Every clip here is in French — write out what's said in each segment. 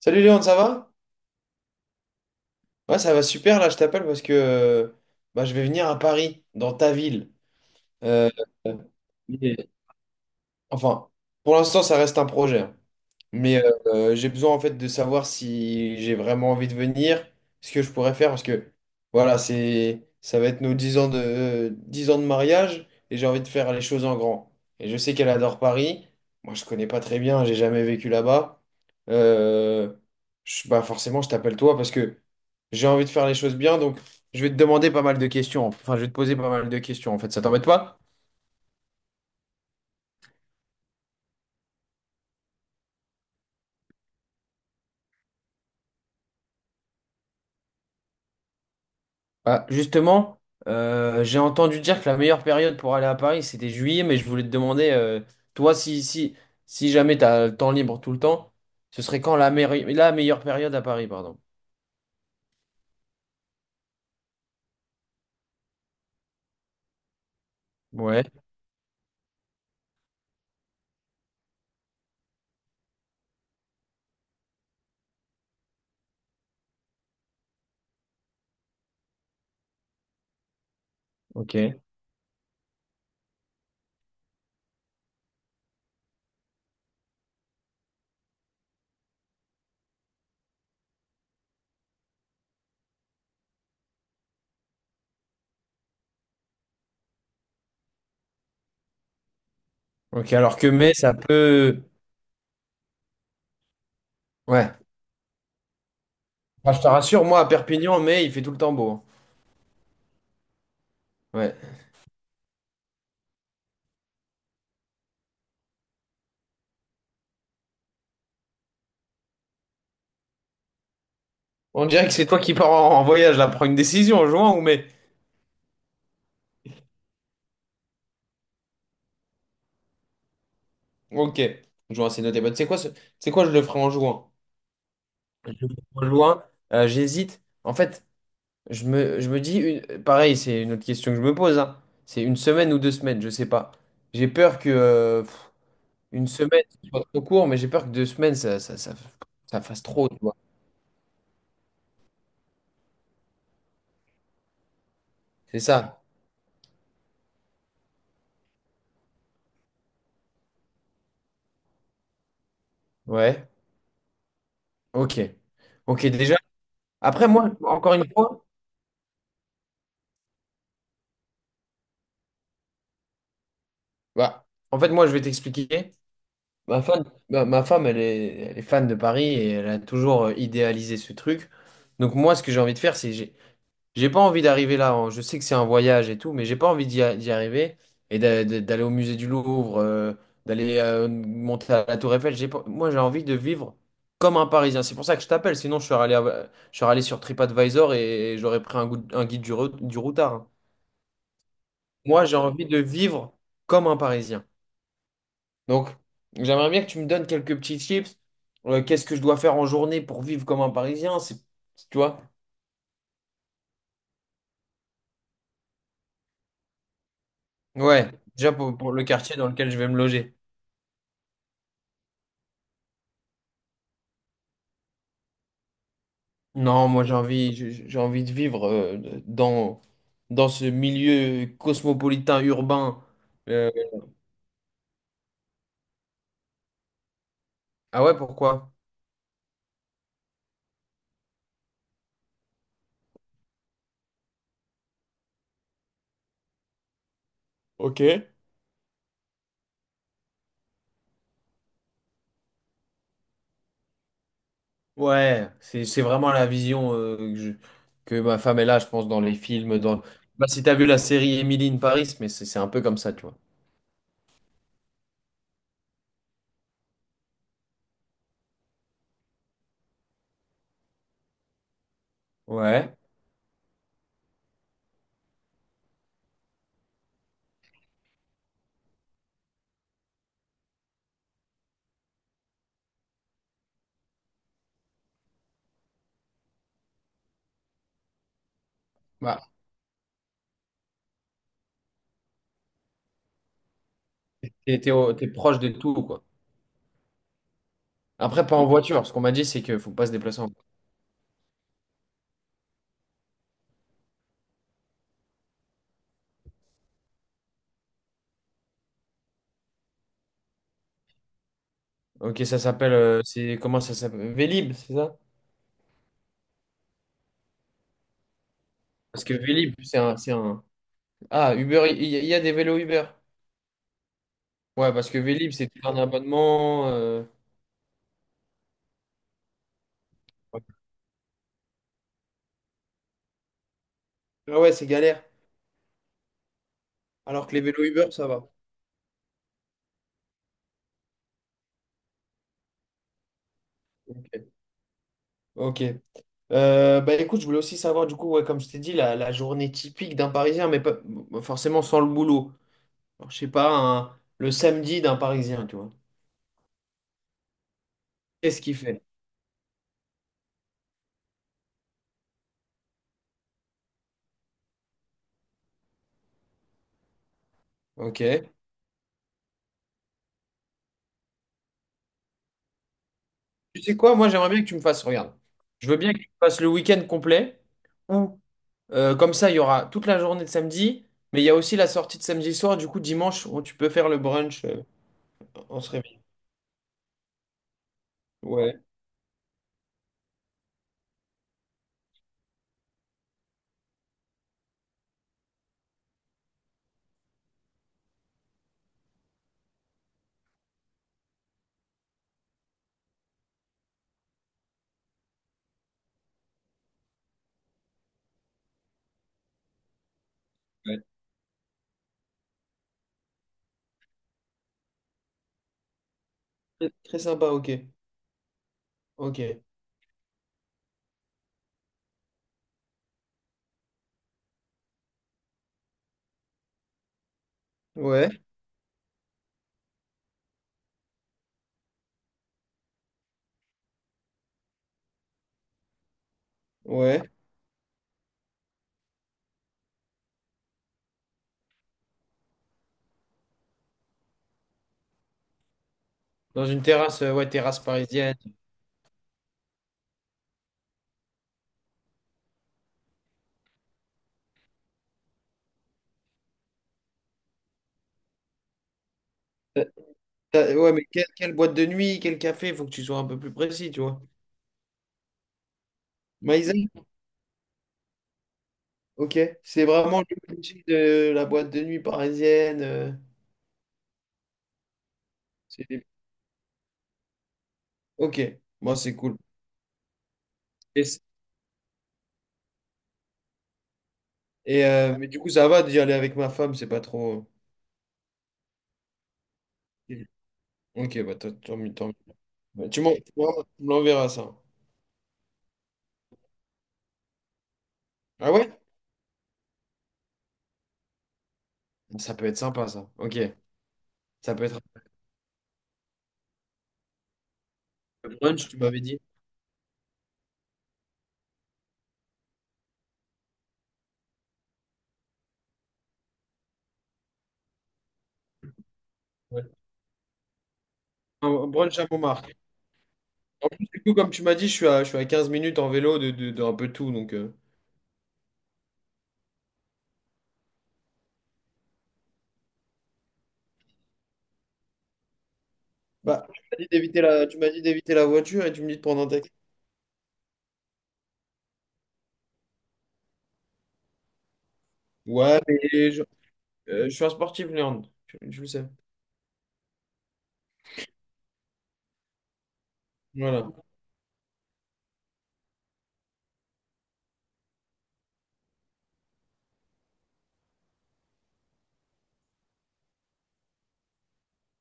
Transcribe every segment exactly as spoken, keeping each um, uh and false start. Salut Léon, ça va? Ouais, ça va super là, je t'appelle parce que euh, bah, je vais venir à Paris, dans ta ville. Euh, enfin, pour l'instant, ça reste un projet, hein. Mais euh, j'ai besoin en fait de savoir si j'ai vraiment envie de venir, ce que je pourrais faire, parce que voilà, c'est ça va être nos dix ans de, dix ans de mariage et j'ai envie de faire les choses en grand. Et je sais qu'elle adore Paris. Moi, je connais pas très bien, j'ai jamais vécu là-bas. Euh, je- bah forcément, je t'appelle toi parce que j'ai envie de faire les choses bien, donc je vais te demander pas mal de questions. Enfin, je vais te poser pas mal de questions en fait. Ça t'embête pas? Bah, justement, euh, j'ai entendu dire que la meilleure période pour aller à Paris, c'était juillet, mais je voulais te demander, euh, toi, si, si, si jamais tu as le temps libre tout le temps, ce serait quand la, meilleure la meilleure période à Paris, pardon. Ouais, ok. Ok, alors que mai, ça peut… Ouais. Enfin, je te rassure, moi, à Perpignan, mai, il fait tout le temps beau, hein. Ouais. On dirait que c'est toi qui pars en, en voyage, là. Prends une décision, en juin ou mai? Ok. Juin, c'est noté. Bah, tu sais quoi, ce- tu sais quoi, je le ferai en juin. Je le ferai en juin. Euh, j'hésite. En fait… Je me, je me dis, une- pareil, c'est une autre question que je me pose, hein. C'est une semaine ou deux semaines, je sais pas. J'ai peur que euh, pff, une semaine ce soit trop court, mais j'ai peur que deux semaines, ça, ça, ça, ça fasse trop, tu vois. C'est ça. Ouais. Ok. Ok, déjà. Après, moi, encore une fois, bah, en fait, moi, je vais t'expliquer. Ma femme, ma, ma femme, elle est, elle est fan de Paris et elle a toujours euh, idéalisé ce truc. Donc, moi, ce que j'ai envie de faire, c'est j'ai j'ai pas envie d'arriver là, hein. Je sais que c'est un voyage et tout, mais j'ai pas envie d'y a- d'y arriver et d'a- d'a- d'aller au musée du Louvre, euh, d'aller euh, monter à la Tour Eiffel. J'ai pas- Moi, j'ai envie de vivre comme un Parisien. C'est pour ça que je t'appelle. Sinon, je serais allé, à- je serais allé sur TripAdvisor et, et j'aurais pris un, goût- un guide du, re- du routard, hein. Moi, j'ai envie de vivre comme un Parisien. Donc, j'aimerais bien que tu me donnes quelques petits tips. Euh, qu'est-ce que je dois faire en journée pour vivre comme un Parisien? C'est, tu vois? Ouais, déjà pour pour le quartier dans lequel je vais me loger. Non, moi j'ai envie, j'ai j'ai envie de vivre euh, dans, dans ce milieu cosmopolitain urbain. Euh, Ah ouais, pourquoi? Ok. Ouais, c'est c'est vraiment la vision euh, que, je- que ma femme est là, je pense, dans les films. Dans… Bah, si t'as vu la série Emily in Paris, mais c'est c'est un peu comme ça, tu vois. Ouais. Bah, t'es t'es au- t'es proche de tout, quoi. Après, pas en voiture. Ce qu'on m'a dit, c'est qu'il faut pas se déplacer en voiture. Ok, ça s'appelle. euh, c'est, comment ça s'appelle? Vélib, c'est ça? Parce que Vélib, c'est un, c'est un, Ah, Uber, il il y, a il y a des vélos Uber. Ouais, parce que Vélib, c'est tout un abonnement. euh, Ouais. Ah ouais, c'est galère. Alors que les vélos Uber, ça va. Ok. Ok. Euh, bah écoute, je voulais aussi savoir, du coup, ouais, comme je t'ai dit, la, la journée typique d'un Parisien, mais pas forcément sans le boulot. Alors, je sais pas, un- le samedi d'un Parisien, tu vois. Qu'est-ce qu'il fait? Ok. Tu sais quoi, moi, j'aimerais bien que tu me fasses, regarde. Je veux bien que tu me fasses le week-end complet. Ou. Euh, comme ça, il y aura toute la journée de samedi, mais il y a aussi la sortie de samedi soir. Du coup, dimanche, on- tu peux faire le brunch. Euh, on se réveille. Ouais, ouais. Très, très sympa, ok. Ok. Ouais, ouais. Dans une terrasse, euh, ouais, terrasse parisienne. Euh, t'as- ouais, mais quelle, quelle boîte de nuit, quel café, faut que tu sois un peu plus précis, tu vois. Maïzen? Ok. C'est vraiment le budget de la boîte de nuit parisienne. euh, c'est des- Ok. Moi, c'est cool. Et, c- et, euh, mais du coup, ça va d'y aller avec ma femme, c'est pas trop. Ok, bah, tant tant mieux. Tant Bah, tu m'en- tu m'en- ça. Ah ouais? Ça peut être sympa, ça. Ok. Ça peut être un brunch, tu m'avais dit. Ouais. Un brunch à Montmartre. Du coup, comme tu m'as dit, je suis à, je suis à quinze minutes en vélo de, de, de un peu tout. Donc, euh, Bah, tu m'as dit d'éviter la, tu m'as dit d'éviter la voiture et tu me dis de prendre un taxi. Ouais, mais je, euh, je suis un sportif, Léandre. Je, je le sais. Voilà.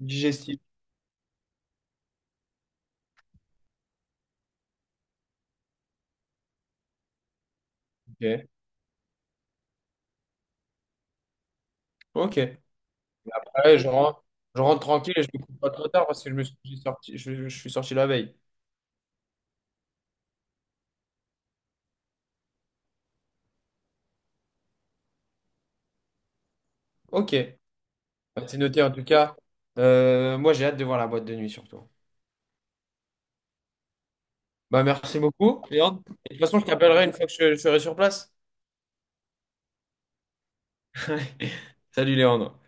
Digestif. Ok. Ok. Ouais, je rentre, je rentre tranquille et je ne me coupe pas trop tard parce que je me suis sorti, je, je suis sorti la veille. Ok. Bah, c'est noté en tout cas. Euh, moi, j'ai hâte de voir la boîte de nuit surtout. Bah, merci beaucoup, Léandre. Et de toute façon, je t'appellerai une fois que je, je serai sur place. Salut, Léandre.